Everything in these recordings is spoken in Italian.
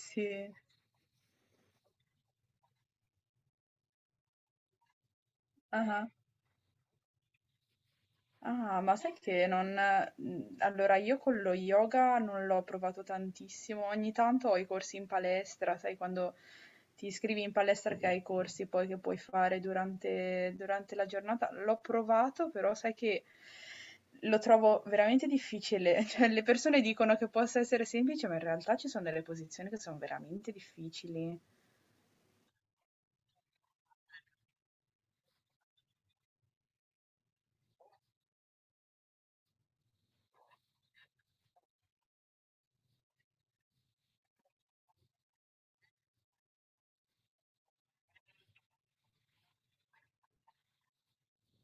Sì, ah-ah. Ah, ma sai che non allora io con lo yoga non l'ho provato tantissimo, ogni tanto ho i corsi in palestra, sai quando ti iscrivi in palestra che hai i corsi poi che puoi fare durante la giornata, l'ho provato però sai che lo trovo veramente difficile, cioè le persone dicono che possa essere semplice, ma in realtà ci sono delle posizioni che sono veramente difficili.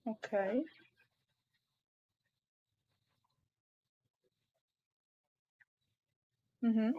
Okay. Mh-mh.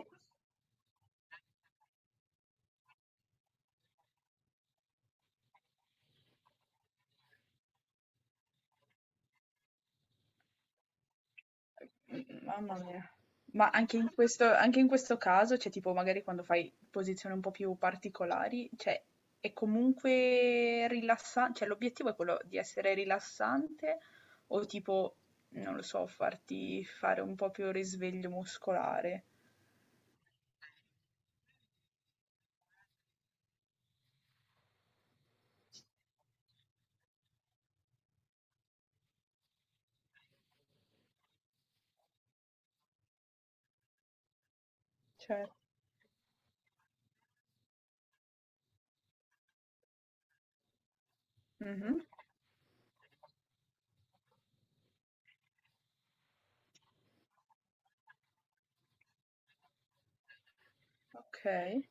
Mamma mia. Ma anche in questo caso, cioè tipo magari quando fai posizioni un po' più particolari, cioè è comunque rilassa, cioè l'obiettivo è quello di essere rilassante o tipo, non lo so, farti fare un po' più risveglio muscolare? Cioè mh-mh, okay,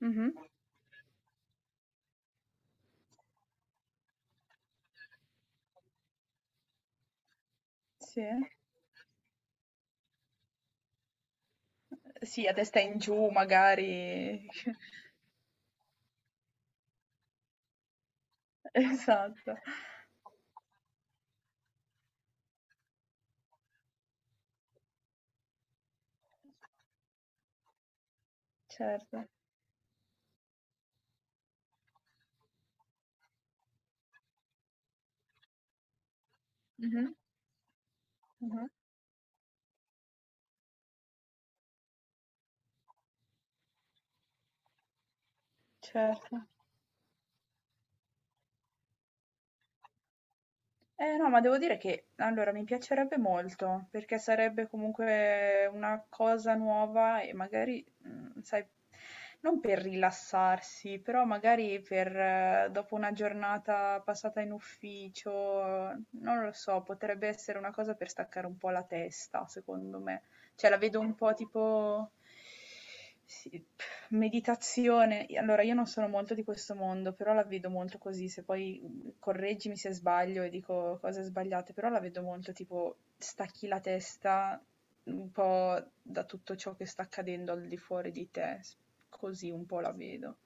mh-mh, sì. Sì, a testa in giù magari. Esatto, certo. Mh-mh, mh-mh, certo. Eh no, ma devo dire che allora mi piacerebbe molto, perché sarebbe comunque una cosa nuova e magari, sai, non per rilassarsi, però magari per dopo una giornata passata in ufficio, non lo so, potrebbe essere una cosa per staccare un po' la testa, secondo me. Cioè la vedo un po' tipo sì, meditazione. Allora, io non sono molto di questo mondo, però la vedo molto così, se poi correggimi se sbaglio e dico cose sbagliate, però la vedo molto tipo stacchi la testa un po' da tutto ciò che sta accadendo al di fuori di te, s- così un po' la vedo.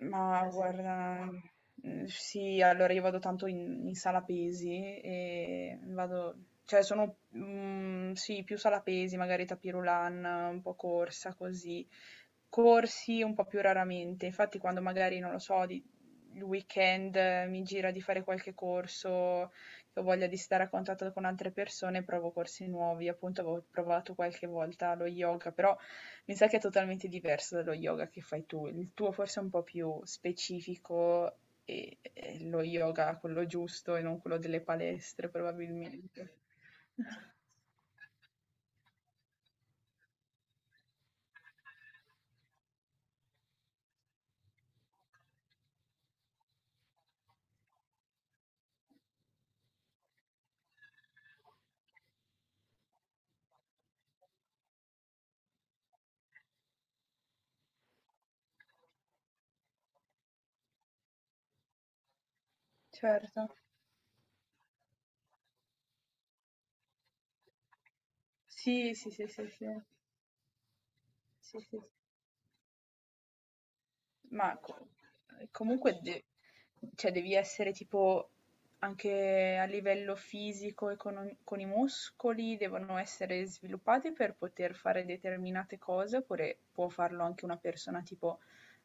Ma guarda, mhmm, sì, allora io vado tanto in sala pesi e vado, cioè sono, mhmm, sì, più sala pesi, magari tapis roulant, un po' corsa così. Corsi un po' più raramente, infatti quando magari, non lo so, di il weekend mi gira di fare qualche corso, che ho voglia di stare a contatto con altre persone, provo corsi nuovi. Appunto avevo provato qualche volta lo yoga, però mi sa che è totalmente diverso dallo yoga che fai tu. Il tuo forse è un po' più specifico e, lo yoga quello giusto e non quello delle palestre, probabilmente. Certo. Sì, sì, sì, sì, sì. Sì, sì, ma co comunque de, cioè devi essere tipo anche a livello fisico e con i muscoli devono essere sviluppati per poter fare determinate cose, oppure può farlo anche una persona tipo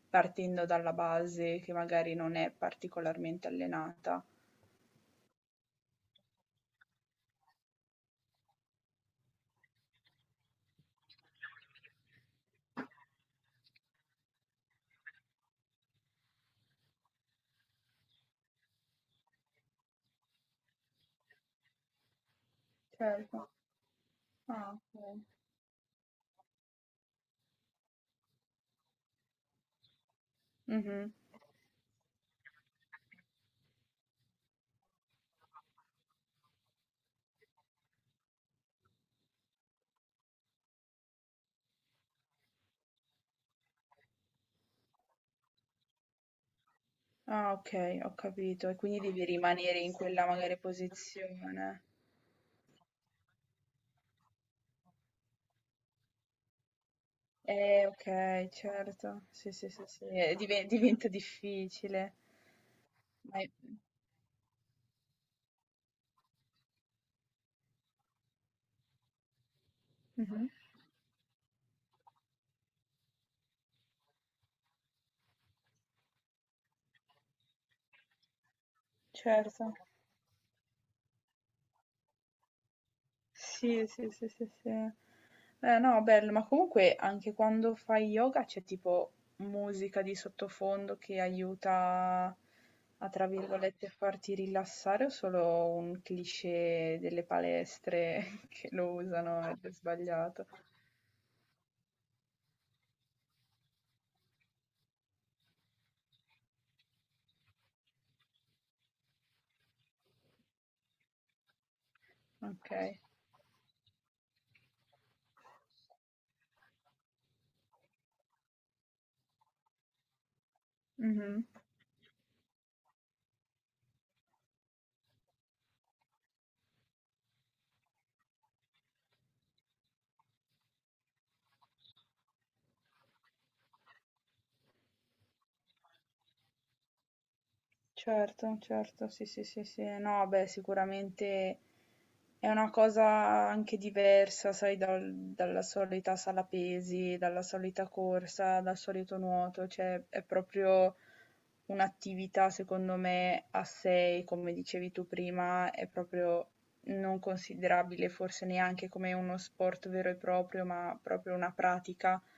partendo dalla base che magari non è particolarmente allenata? Certo. Ah, okay. Mh-mh. Ah, okay, ho capito. E quindi devi rimanere in quella magari posizione. Ok, certo. Sì, sì, sì, sì. Diventa difficile. Ma è- mhm, certo. Sì, sì, sì, sì, sì. No, bello, ma comunque anche quando fai yoga c'è tipo musica di sottofondo che aiuta a, tra virgolette, farti rilassare o solo un cliché delle palestre che lo usano ed è sbagliato? Ok. Mhm. Certo, certo, sì, sì, sì, sì. No, beh, sicuramente è una cosa anche diversa, sai, dal- dalla solita sala pesi, dalla solita corsa, dal solito nuoto, cioè è proprio un'attività, secondo me, a sé, come dicevi tu prima, è proprio non considerabile forse neanche come uno sport vero e proprio, ma proprio una pratica che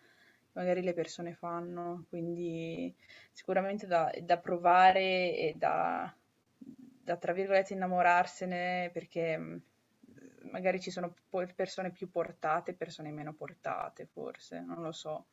magari le persone fanno, quindi... Sicuramente da provare e da tra virgolette "innamorarsene" perché, mhmm, magari ci sono po persone più portate e persone meno portate forse, non lo so.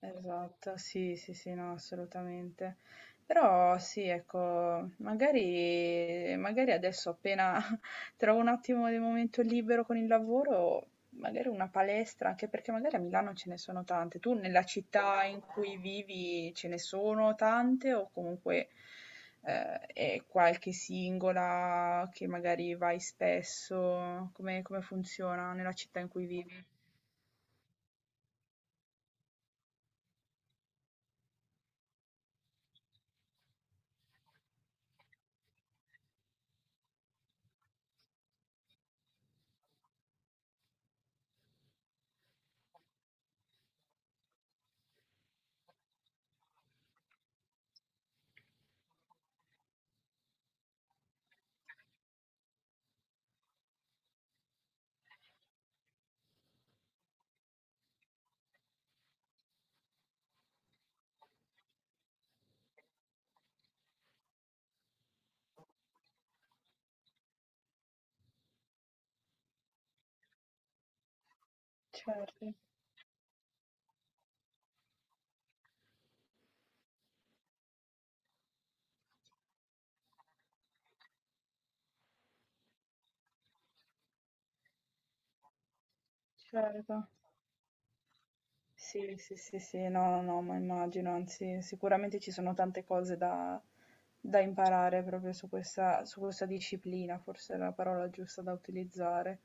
Esatto, sì, sì, sì, no, assolutamente. Però sì, ecco, magari, magari adesso appena trovo un attimo di momento libero con il lavoro, magari una palestra, anche perché magari a Milano ce ne sono tante. Tu nella città in cui vivi ce ne sono tante o comunque è qualche singola che magari vai spesso? Come, come funziona nella città in cui vivi? Certo, certo. Sì, sì, sì, sì, no, no, no, ma immagino, anzi, sicuramente ci sono tante cose da, da imparare proprio su questa disciplina, forse è la parola giusta da utilizzare.